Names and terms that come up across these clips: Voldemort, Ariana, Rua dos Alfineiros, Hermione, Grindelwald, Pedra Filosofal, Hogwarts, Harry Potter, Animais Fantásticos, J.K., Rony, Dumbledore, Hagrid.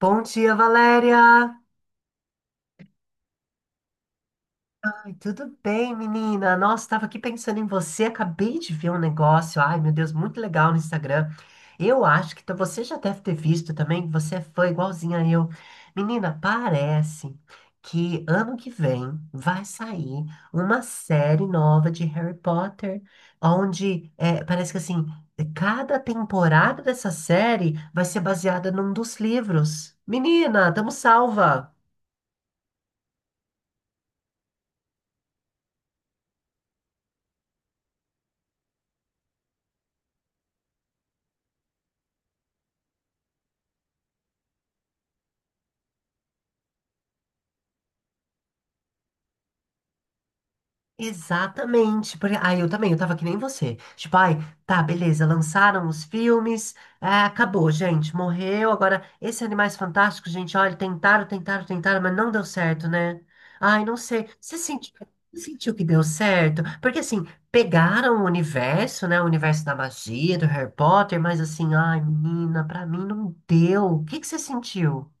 Bom dia, Valéria! Ai, tudo bem, menina? Nossa, estava aqui pensando em você, acabei de ver um negócio. Ai, meu Deus, muito legal no Instagram. Eu acho que você já deve ter visto também, que você é fã igualzinha a eu. Menina, parece que ano que vem vai sair uma série nova de Harry Potter, onde é, parece que assim, cada temporada dessa série vai ser baseada num dos livros. Menina, tamo salva! Exatamente, porque aí eu também, eu tava que nem você. Tipo, ai, tá, beleza, lançaram os filmes, acabou, gente, morreu. Agora, esse Animais Fantásticos, gente, olha, tentaram, tentaram, tentaram, mas não deu certo, né? Ai, não sei. Você sentiu que deu certo? Porque assim, pegaram o universo, né? O universo da magia, do Harry Potter, mas assim, ai, menina, pra mim não deu. O que que você sentiu?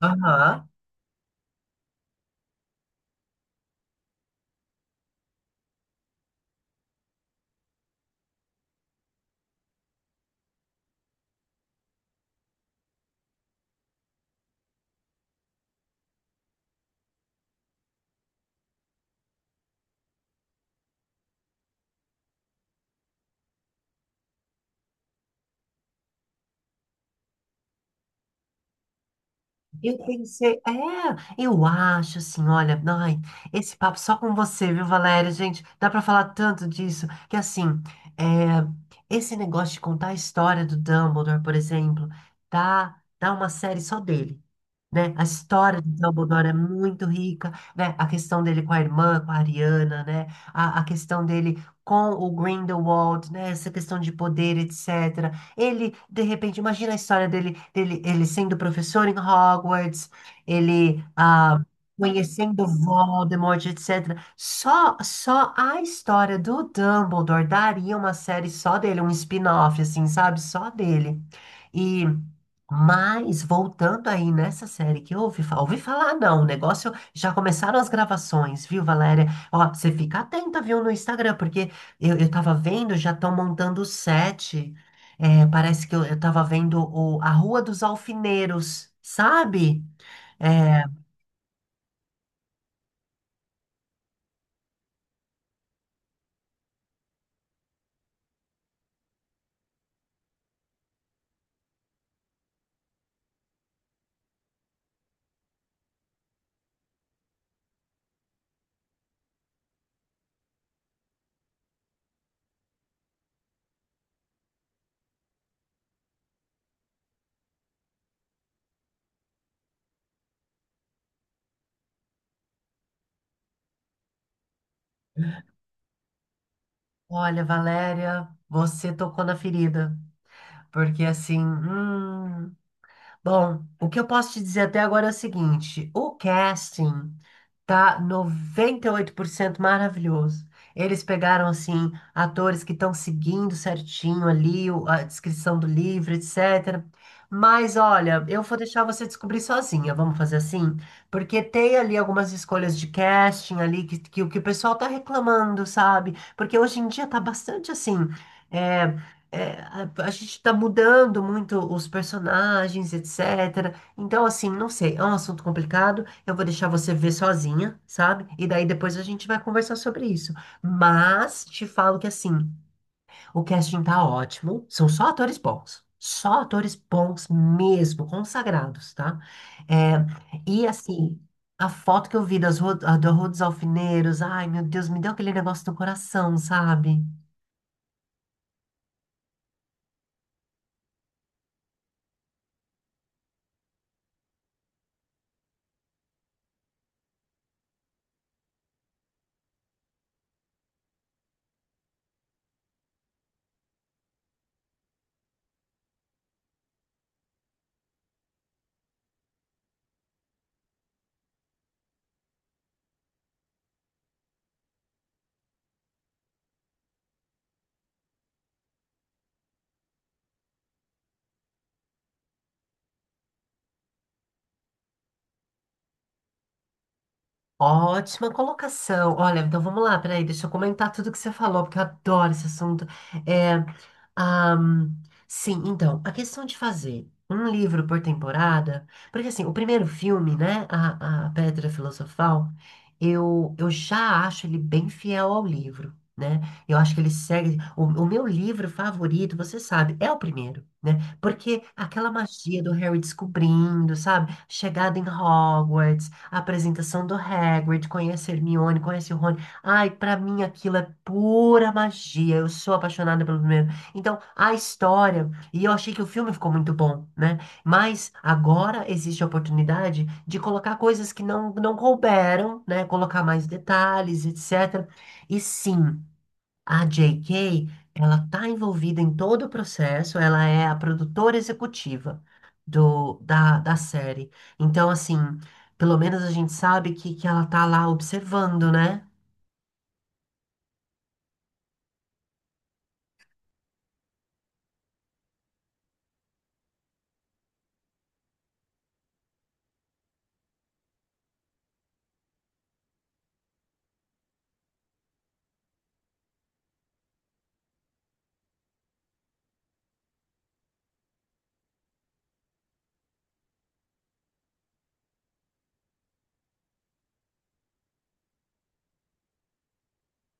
Aham. Eu pensei, é, eu acho assim, olha, ai, esse papo só com você, viu, Valéria? Gente, dá pra falar tanto disso que assim, é, esse negócio de contar a história do Dumbledore, por exemplo, dá uma série só dele, né? A história do Dumbledore é muito rica, né? A questão dele com a irmã, com a Ariana, né? A questão dele com o Grindelwald, né? Essa questão de poder, etc. Ele, de repente, imagina a história dele, ele sendo professor em Hogwarts, ele conhecendo Voldemort, etc. Só a história do Dumbledore daria uma série só dele, um spin-off, assim, sabe? Só dele. E mas voltando aí nessa série que eu ouvi, ouvi falar, não, o negócio já começaram as gravações, viu, Valéria? Ó, você fica atenta, viu, no Instagram, porque eu tava vendo, já estão montando o set é, parece que eu tava vendo a Rua dos Alfineiros, sabe? É, olha, Valéria, você tocou na ferida. Porque assim, bom, o que eu posso te dizer até agora é o seguinte: o casting tá 98% maravilhoso. Eles pegaram, assim, atores que estão seguindo certinho ali a descrição do livro, etc. Mas olha, eu vou deixar você descobrir sozinha, vamos fazer assim? Porque tem ali algumas escolhas de casting ali o que o pessoal tá reclamando, sabe? Porque hoje em dia tá bastante assim. eh, é, a gente tá mudando muito os personagens, etc. Então, assim, não sei, é um assunto complicado. Eu vou deixar você ver sozinha, sabe? E daí depois a gente vai conversar sobre isso. Mas te falo que, assim, o casting tá ótimo. São só atores bons. Só atores bons mesmo, consagrados, tá? É, e, assim. A foto que eu vi da Rua dos Alfineiros, ai meu Deus, me deu aquele negócio no coração, sabe? Ótima colocação. Olha, então vamos lá, peraí, deixa eu comentar tudo que você falou, porque eu adoro esse assunto. É, Ahn, sim, então, a questão de fazer um livro por temporada, porque assim, o primeiro filme, né, a Pedra Filosofal, eu já acho ele bem fiel ao livro, né? Eu acho que ele segue. O meu livro favorito, você sabe, é o primeiro, né? Porque aquela magia do Harry descobrindo, sabe? Chegada em Hogwarts, a apresentação do Hagrid, conhece Hermione, conhece o Rony. Ai, pra mim aquilo é pura magia. Eu sou apaixonada pelo primeiro então, a história, e eu achei que o filme ficou muito bom, né? Mas agora existe a oportunidade de colocar coisas que não couberam, né? Colocar mais detalhes, etc. E sim, a J.K., ela tá envolvida em todo o processo, ela é a produtora executiva da série. Então, assim, pelo menos a gente sabe que ela tá lá observando, né?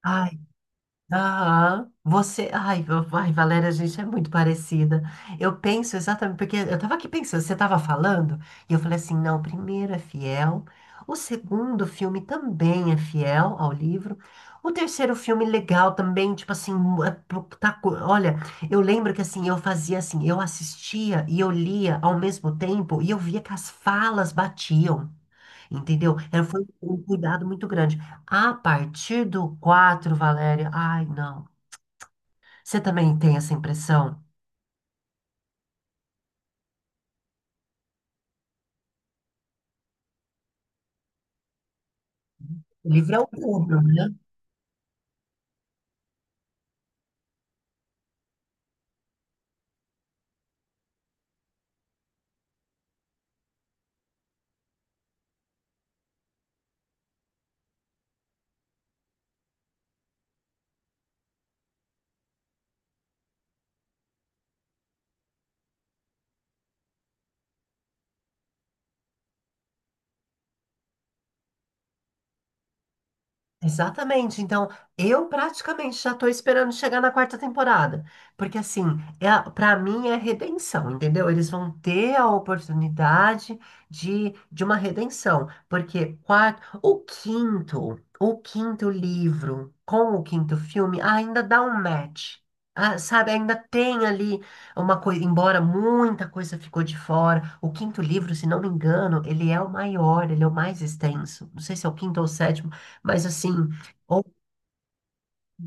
Ah, Aham. Você. Ai, Valéria, a gente é muito parecida. Eu penso exatamente, porque eu tava aqui pensando, você tava falando, e eu falei assim: não, o primeiro é fiel, o segundo filme também é fiel ao livro, o terceiro filme legal também, tipo assim, olha, eu lembro que assim, eu fazia assim, eu assistia e eu lia ao mesmo tempo, e eu via que as falas batiam. Entendeu? Era, foi um cuidado muito grande. A partir do 4, Valéria, ai, não. Você também tem essa impressão? O livro é o dobro, né? Exatamente. Então, eu praticamente já tô esperando chegar na quarta temporada, porque assim, pra mim é redenção, entendeu? Eles vão ter a oportunidade de uma redenção, porque quarto, o quinto livro com o quinto filme ainda dá um match. Ah, sabe, ainda tem ali uma coisa, embora muita coisa ficou de fora. O quinto livro, se não me engano, ele é o maior, ele é o mais extenso. Não sei se é o quinto ou o sétimo. Mas assim, ou,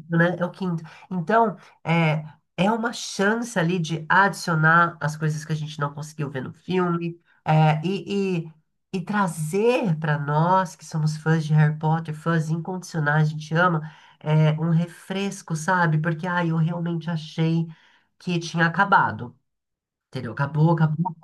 né, é o quinto. Então, é, é, uma chance ali de adicionar as coisas que a gente não conseguiu ver no filme, é, e trazer para nós que somos fãs de Harry Potter, fãs incondicionais, a gente ama, um refresco, sabe? Porque, ah, eu realmente achei que tinha acabado, entendeu? Acabou, acabou.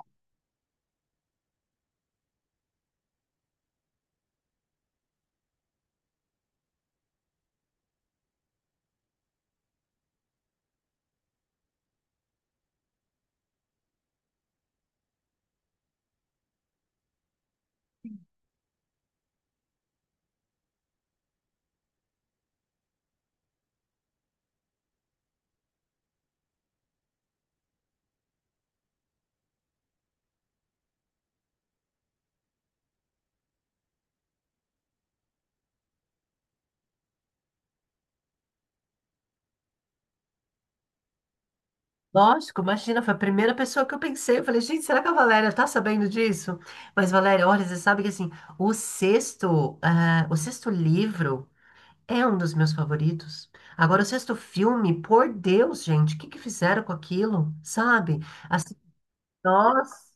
Lógico, imagina, foi a primeira pessoa que eu pensei. Eu falei, gente, será que a Valéria tá sabendo disso? Mas, Valéria, olha, você sabe que assim, o sexto, ah, o sexto livro é um dos meus favoritos. Agora, o sexto filme, por Deus, gente, o que que fizeram com aquilo? Sabe? Assim, nossa.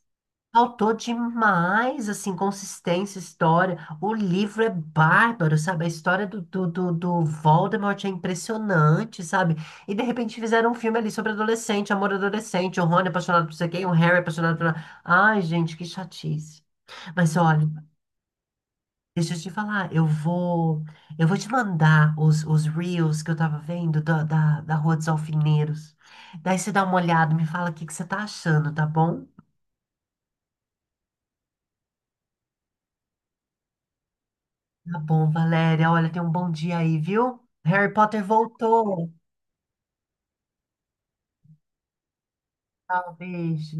Faltou demais, assim, consistência, história. O livro é bárbaro, sabe? A história do Voldemort é impressionante, sabe? E de repente fizeram um filme ali sobre adolescente, amor adolescente, o Rony apaixonado por você quem, o Harry é apaixonado por... Ai, gente, que chatice. Mas olha, deixa eu te falar, eu vou te mandar os reels que eu tava vendo da Rua dos Alfineiros. Daí você dá uma olhada, me fala o que que você tá achando, tá bom? Tá bom, Valéria. Olha, tem um bom dia aí, viu? Harry Potter voltou. Talvez.